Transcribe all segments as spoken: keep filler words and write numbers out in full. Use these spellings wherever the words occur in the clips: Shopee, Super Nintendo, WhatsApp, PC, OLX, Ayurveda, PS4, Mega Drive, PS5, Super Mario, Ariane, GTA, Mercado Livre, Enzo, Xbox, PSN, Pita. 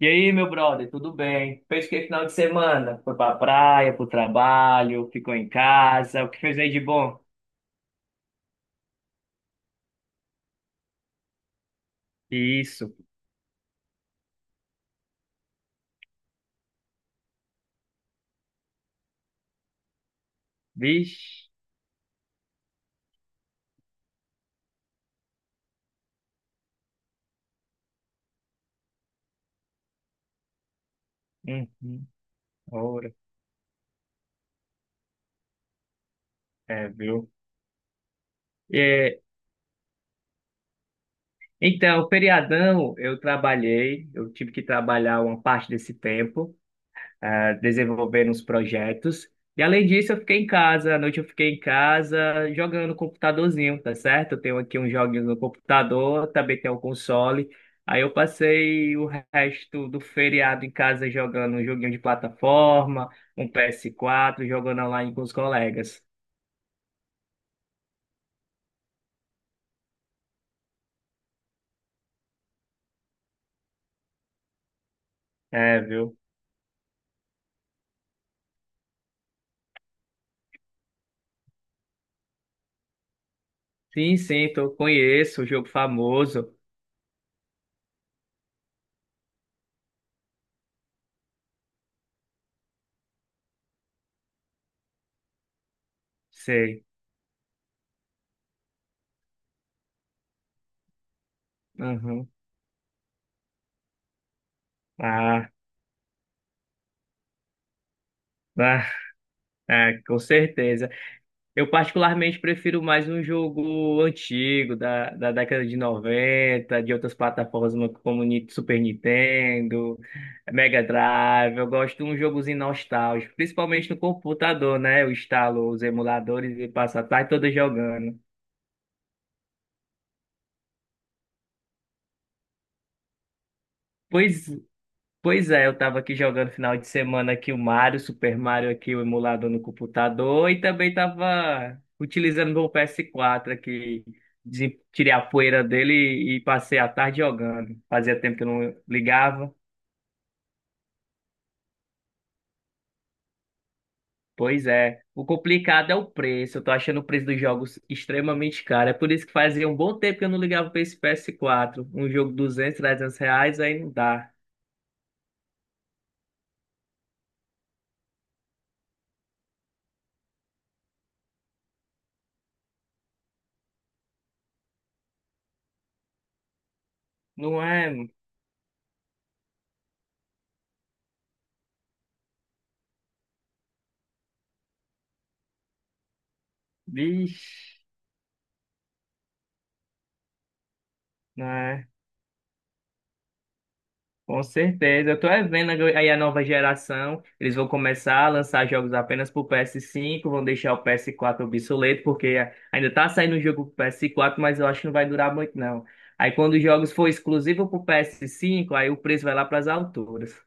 E aí, meu brother, tudo bem? Fez o que final de semana? Foi pra praia, pro trabalho, ficou em casa, o que fez aí de bom? Isso. Vixe. Uhum. Ora, é, viu? É, então, feriadão, eu trabalhei, eu tive que trabalhar uma parte desse tempo. Ah, desenvolvendo uns projetos. E além disso, eu fiquei em casa, à noite eu fiquei em casa jogando no computadorzinho, tá certo? Eu tenho aqui uns joguinhos no computador, também tenho um console. Aí eu passei o resto do feriado em casa jogando um joguinho de plataforma, um ps quatro jogando online com os colegas. É, viu? Sim, sim, tô, conheço o jogo famoso. Sei. Uhum. Ah, ah, é, com certeza. Eu particularmente prefiro mais um jogo antigo, da, da década de noventa, de outras plataformas como Ni- Super Nintendo, Mega Drive. Eu gosto de um jogozinho nostálgico, principalmente no computador, né? Eu instalo os emuladores e passo a tarde toda jogando. Pois Pois é, eu tava aqui jogando final de semana aqui o Mario, Super Mario aqui, o emulador no computador, e também tava utilizando meu P S quatro aqui, de- tirei a poeira dele e, e passei a tarde jogando. Fazia tempo que eu não ligava. Pois é, o complicado é o preço, eu tô achando o preço dos jogos extremamente caro, é por isso que fazia um bom tempo que eu não ligava pra esse P S quatro. Um jogo duzentos trezentos reais, aí não dá. Não é, mano? Vixe. Não. Com certeza. Eu tô é vendo aí a nova geração. Eles vão começar a lançar jogos apenas pro ps cinco, vão deixar o ps quatro obsoleto, porque ainda tá saindo um jogo pro ps quatro, mas eu acho que não vai durar muito, não. Aí quando os jogos for exclusivo pro ps cinco, aí o preço vai lá pras alturas.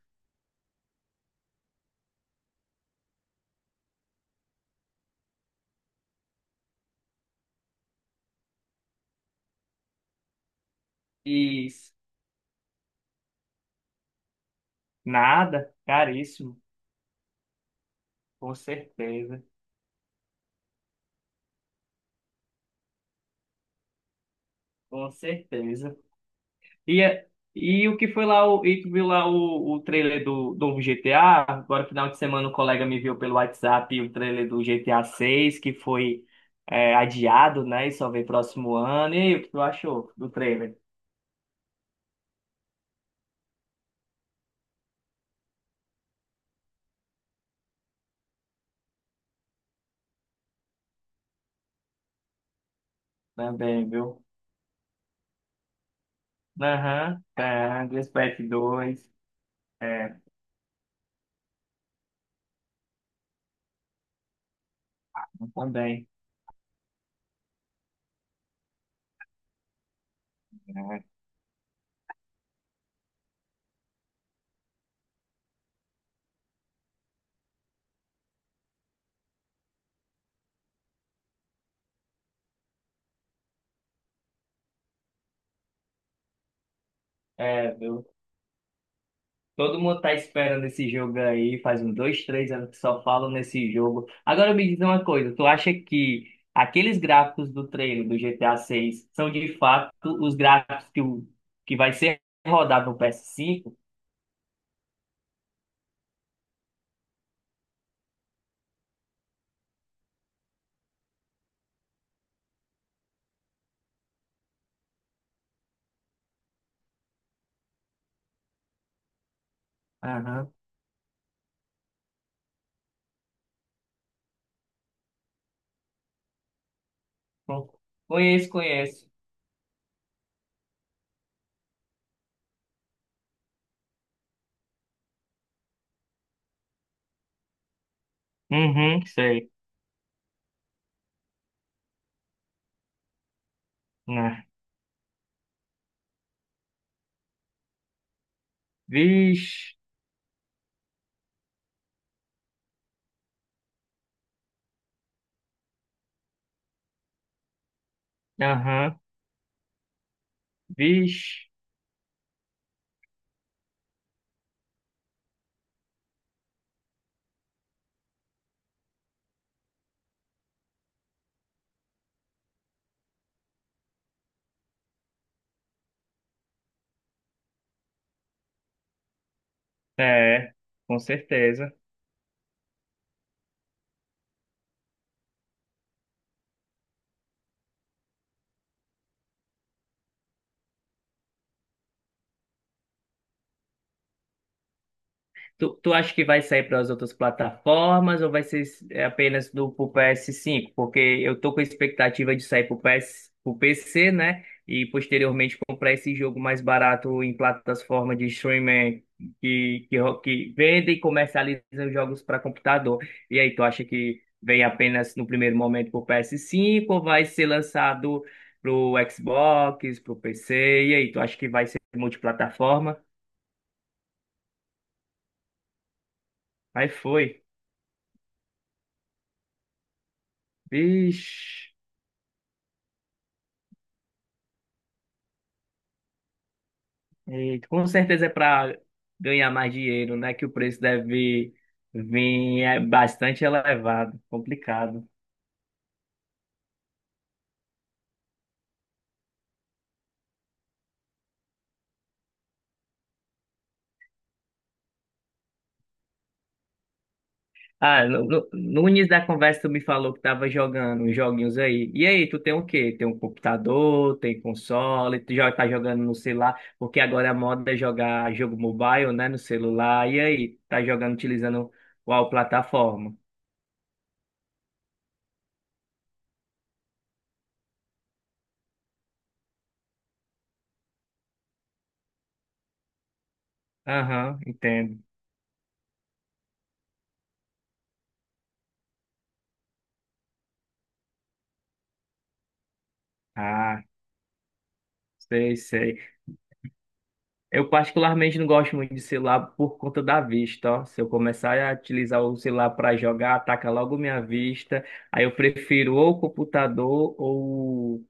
Isso. Nada, caríssimo. Com certeza. Com certeza. E, é- e o que foi lá, o, e tu viu lá o, o trailer do, do G T A? Agora, final de semana, um colega me viu pelo WhatsApp o trailer do G T A seis que foi é, adiado, né? E só vem próximo ano. E aí, o que tu achou do trailer? Também, viu? Aham, é, Respect dois é, também. Né? É, todo mundo tá esperando esse jogo aí, faz uns dois, três anos que só falam nesse jogo. Agora me diz uma coisa, tu acha que aqueles gráficos do trailer do G T A seis são de fato os gráficos que, o, que vai ser rodado no ps cinco? Aham. Bom. Conheço, conheço. Uhum, sei. Ah. Vixe. Aham. Vixe. É, com certeza. Tu, tu acha que vai sair para as outras plataformas ou vai ser é, apenas do pro P S cinco? Porque eu tô com a expectativa de sair pro P S, pro P C, né? E posteriormente comprar esse jogo mais barato em plataformas de streaming que, que, ro- que vende e comercializa os jogos para computador. E aí, tu acha que vem apenas no primeiro momento pro P S cinco ou vai ser lançado pro Xbox, pro P C? E aí, tu acha que vai ser multiplataforma? Aí foi. Vixe. E com certeza é para ganhar mais dinheiro, né? Que o preço deve vir é, bastante elevado, complicado. Ah, no, no- no início da conversa tu me falou que tava jogando uns joguinhos aí. E aí, tu tem o quê? Tem um computador, tem console, tu já tá jogando no celular, porque agora a moda é jogar jogo mobile, né? No celular. E aí, tá jogando utilizando qual plataforma? Aham, entendo. Ah, sei, sei. Eu particularmente não gosto muito de celular por conta da vista, ó. Se eu começar a utilizar o celular para jogar, ataca logo minha vista. Aí eu prefiro ou o computador ou o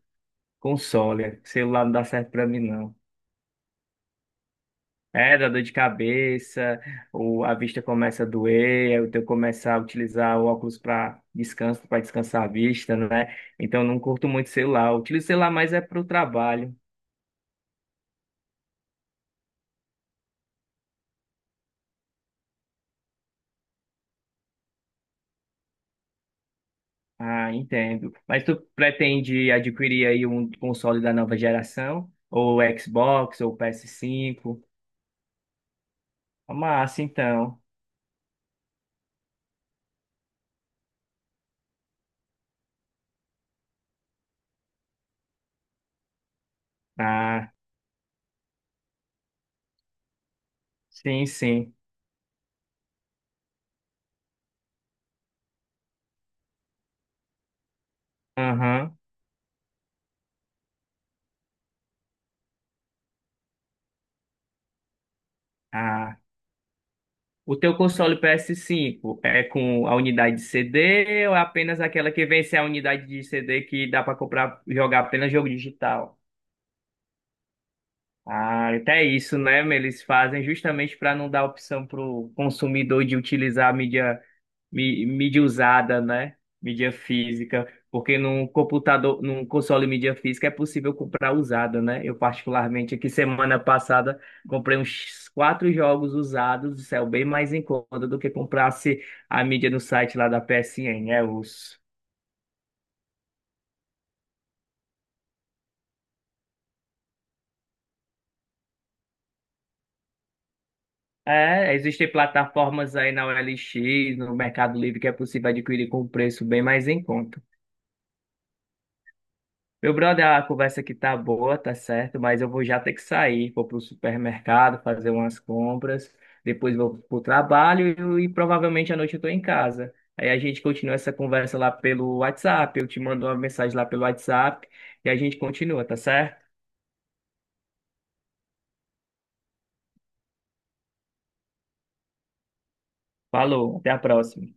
console. Celular não dá certo para mim, não. É, dá dor de cabeça, ou a vista começa a doer, aí eu tenho que começar a utilizar o óculos para descanso, para descansar a vista, né? Então eu não curto muito celular. Eu utilizo celular mais é para o trabalho. Ah, entendo. Mas tu pretende adquirir aí um console da nova geração? Ou Xbox, ou P S cinco? Massa, então. Ah, sim, sim. Aham. Ah, o teu console P S cinco é com a unidade de C D ou é apenas aquela que vem sem a unidade de C D que dá para comprar, jogar apenas jogo digital? Ah, até isso, né? Eles fazem justamente para não dar opção para o consumidor de utilizar a mídia, mí- mídia usada, né? Mídia física, porque num computador, num console mídia física é possível comprar usada, né? Eu particularmente aqui semana passada comprei uns quatro jogos usados, isso é bem mais em conta do que comprasse a mídia no site lá da P S N, é os é, existem plataformas aí na O L X, no Mercado Livre, que é possível adquirir com preço bem mais em conta. Meu brother, a conversa aqui tá boa, tá certo, mas eu vou já ter que sair, vou pro supermercado fazer umas compras, depois vou pro trabalho e, provavelmente à noite eu tô em casa. Aí a gente continua essa conversa lá pelo WhatsApp, eu te mando uma mensagem lá pelo WhatsApp e a gente continua, tá certo? Falou, até a próxima.